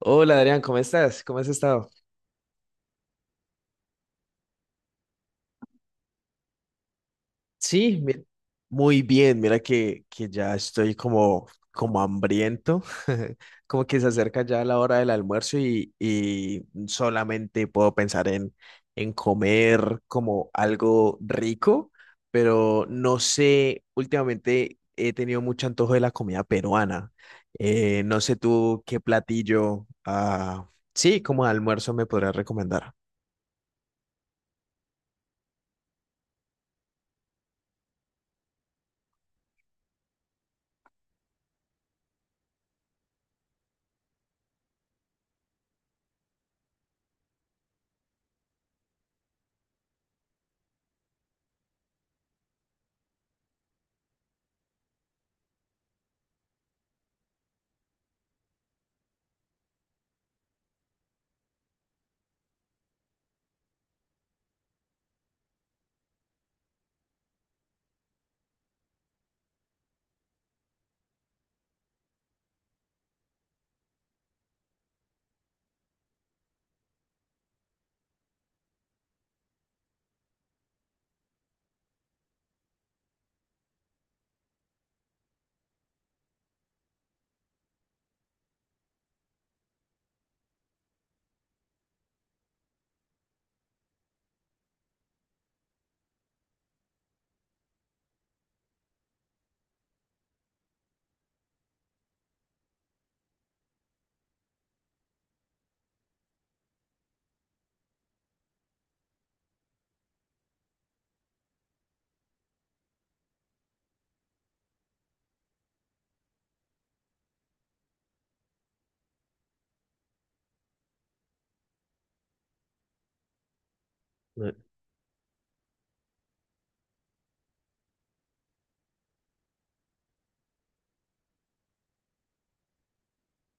Hola Adrián, ¿cómo estás? ¿Cómo has estado? Sí, mi- muy bien. Mira que ya estoy como, como hambriento, como que se acerca ya la hora del almuerzo y solamente puedo pensar en comer como algo rico, pero no sé, últimamente he tenido mucho antojo de la comida peruana. No sé tú qué platillo, sí, como almuerzo me podrías recomendar.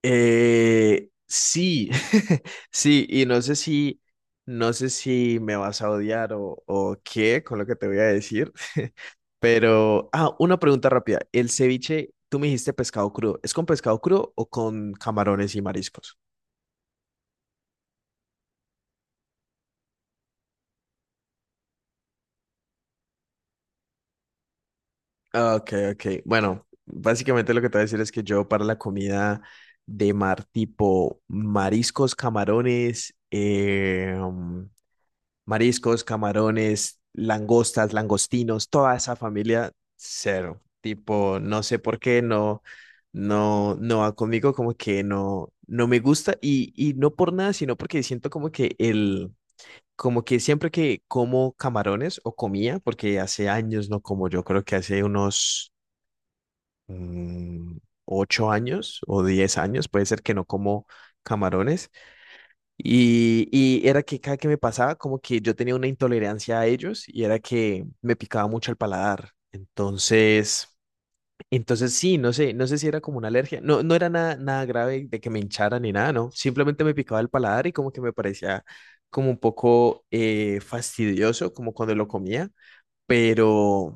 Sí, sí, y no sé si me vas a odiar o qué con lo que te voy a decir, pero, una pregunta rápida. El ceviche, tú me dijiste pescado crudo, ¿es con pescado crudo o con camarones y mariscos? Ah, ok, ok. Bueno, básicamente lo que te voy a decir es que yo para la comida de mar tipo mariscos, camarones, mariscos, camarones, langostas, langostinos, toda esa familia, cero. Tipo, no sé por qué no, no, no va conmigo, como que no, no me gusta y no por nada, sino porque siento como que como que siempre que como camarones o comía, porque hace años no como, yo creo que hace unos mm, 8 años o 10 años, puede ser que no como camarones y era que cada que me pasaba, como que yo tenía una intolerancia a ellos y era que me picaba mucho el paladar. Entonces sí, no sé si era como una alergia. No, no era nada, nada grave de que me hinchara ni nada, ¿no? Simplemente me picaba el paladar y como que me parecía como un poco fastidioso, como cuando lo comía. Pero,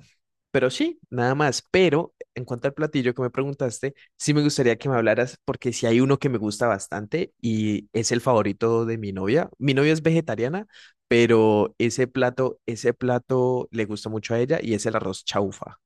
pero sí, nada más. Pero en cuanto al platillo que me preguntaste, sí me gustaría que me hablaras porque si hay uno que me gusta bastante y es el favorito de mi novia. Mi novia es vegetariana, pero ese plato le gusta mucho a ella y es el arroz chaufa.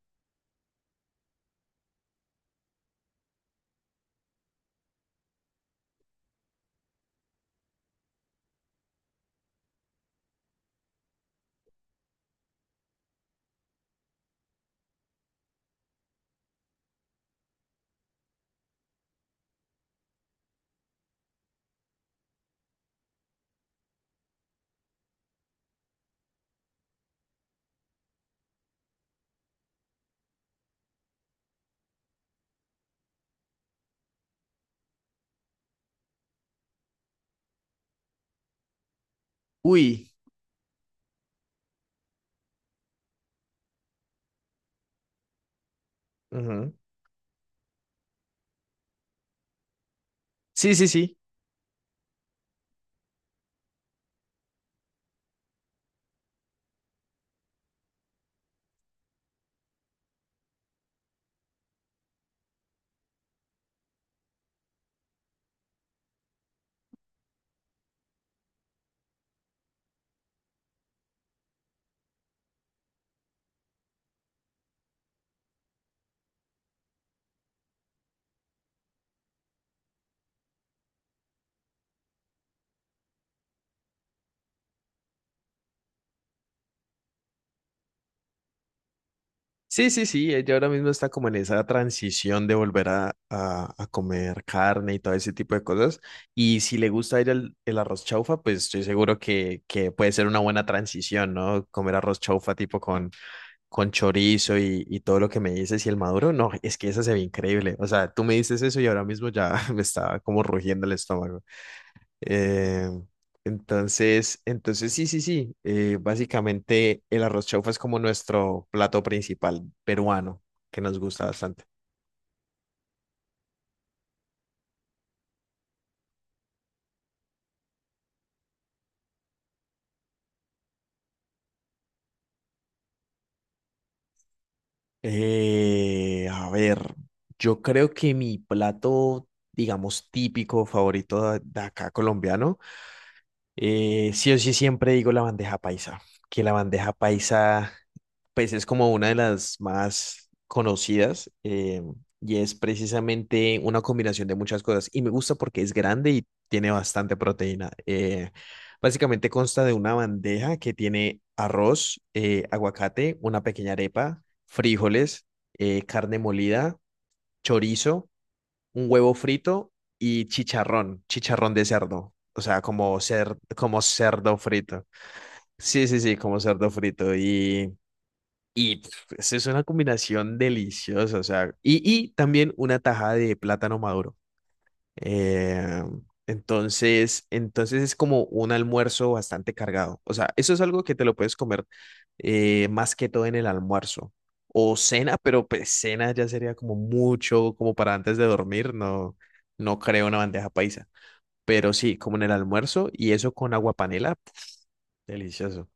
Uy, ujú. Sí, sí, sí. Sí, sí, sí, ella ahora mismo está como en esa transición de volver a, a comer carne y todo ese tipo de cosas. Y si le gusta a ella el arroz chaufa, pues estoy seguro que puede ser una buena transición, ¿no? Comer arroz chaufa tipo con chorizo y todo lo que me dices y el maduro, no, es que esa se ve increíble. O sea, tú me dices eso y ahora mismo ya me está como rugiendo el estómago. Eh, entonces sí, sí, sí. Básicamente el arroz chaufa es como nuestro plato principal peruano, que nos gusta bastante. A ver, yo creo que mi plato, digamos, típico favorito de acá colombiano. Sí o sí siempre digo la bandeja paisa, que la bandeja paisa pues es como una de las más conocidas, y es precisamente una combinación de muchas cosas y me gusta porque es grande y tiene bastante proteína. Básicamente consta de una bandeja que tiene arroz, aguacate, una pequeña arepa, frijoles, carne molida, chorizo, un huevo frito y chicharrón, chicharrón de cerdo. O sea, como cer- como cerdo frito. Sí, sí, sí, como cerdo frito. Y pf, es una combinación deliciosa. O sea, y también una tajada de plátano maduro. Eh, entonces es como un almuerzo bastante cargado. O sea, eso es algo que te lo puedes comer más que todo en el almuerzo. O cena, pero pues cena ya sería como mucho, como para antes de dormir, no, no creo una bandeja paisa. Pero sí, como en el almuerzo y eso con agua panela, pf, delicioso.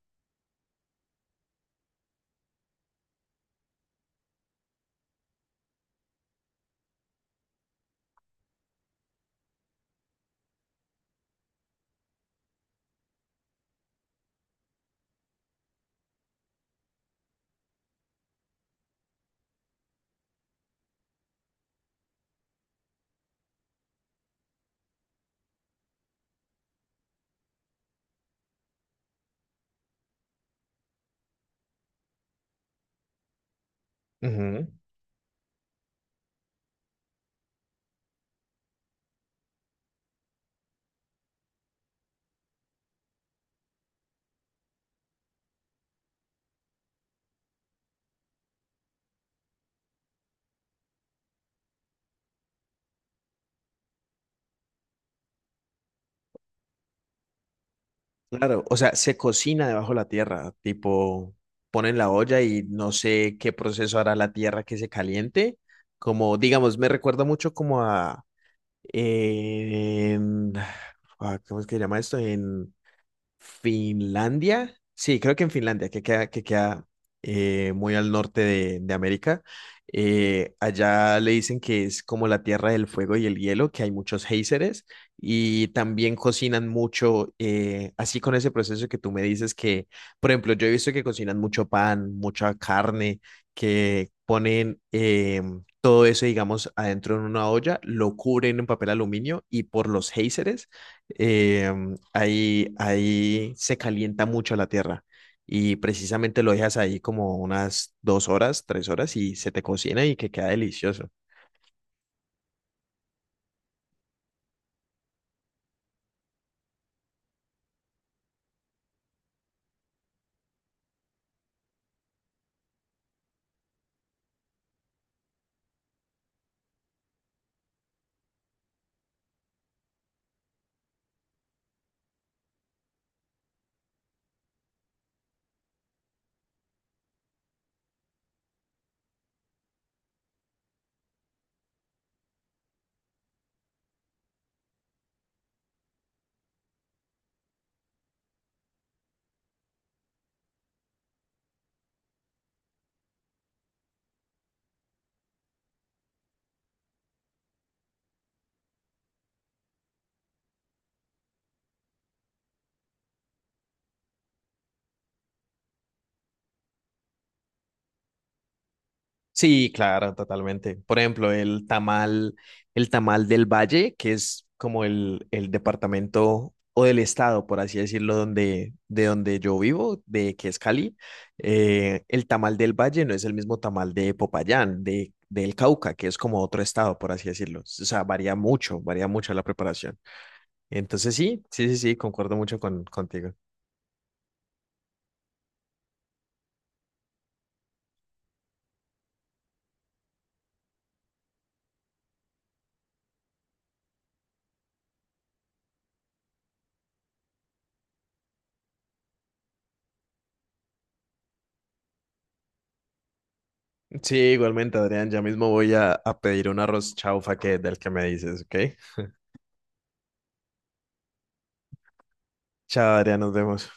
Ujú. Claro, o sea, se cocina debajo de la tierra, tipo, ponen la olla y no sé qué proceso hará la tierra que se caliente, como, digamos, me recuerda mucho como a, en- ¿cómo es que se llama esto? En Finlandia. Sí, creo que en Finlandia, que queda muy al norte de América. Allá le dicen que es como la tierra del fuego y el hielo, que hay muchos géiseres y también cocinan mucho, así con ese proceso que tú me dices que, por ejemplo, yo he visto que cocinan mucho pan, mucha carne, que ponen todo eso, digamos, adentro en una olla, lo cubren en papel aluminio y por los géiseres ahí, ahí se calienta mucho la tierra y precisamente lo dejas ahí como unas 2 horas, 3 horas y se te cocina y que queda delicioso. Sí, claro, totalmente. Por ejemplo, el tamal del Valle, que es como el departamento o del estado, por así decirlo, donde, de donde yo vivo, de que es Cali, el tamal del Valle no es el mismo tamal de Popayán, de, del Cauca, que es como otro estado, por así decirlo. O sea, varía mucho la preparación. Entonces, sí, sí, sí, sí, concuerdo mucho con, contigo. Sí, igualmente, Adrián, ya mismo voy a pedir un arroz chaufa que del que me dices, ¿ok? Chao, Adrián, nos vemos.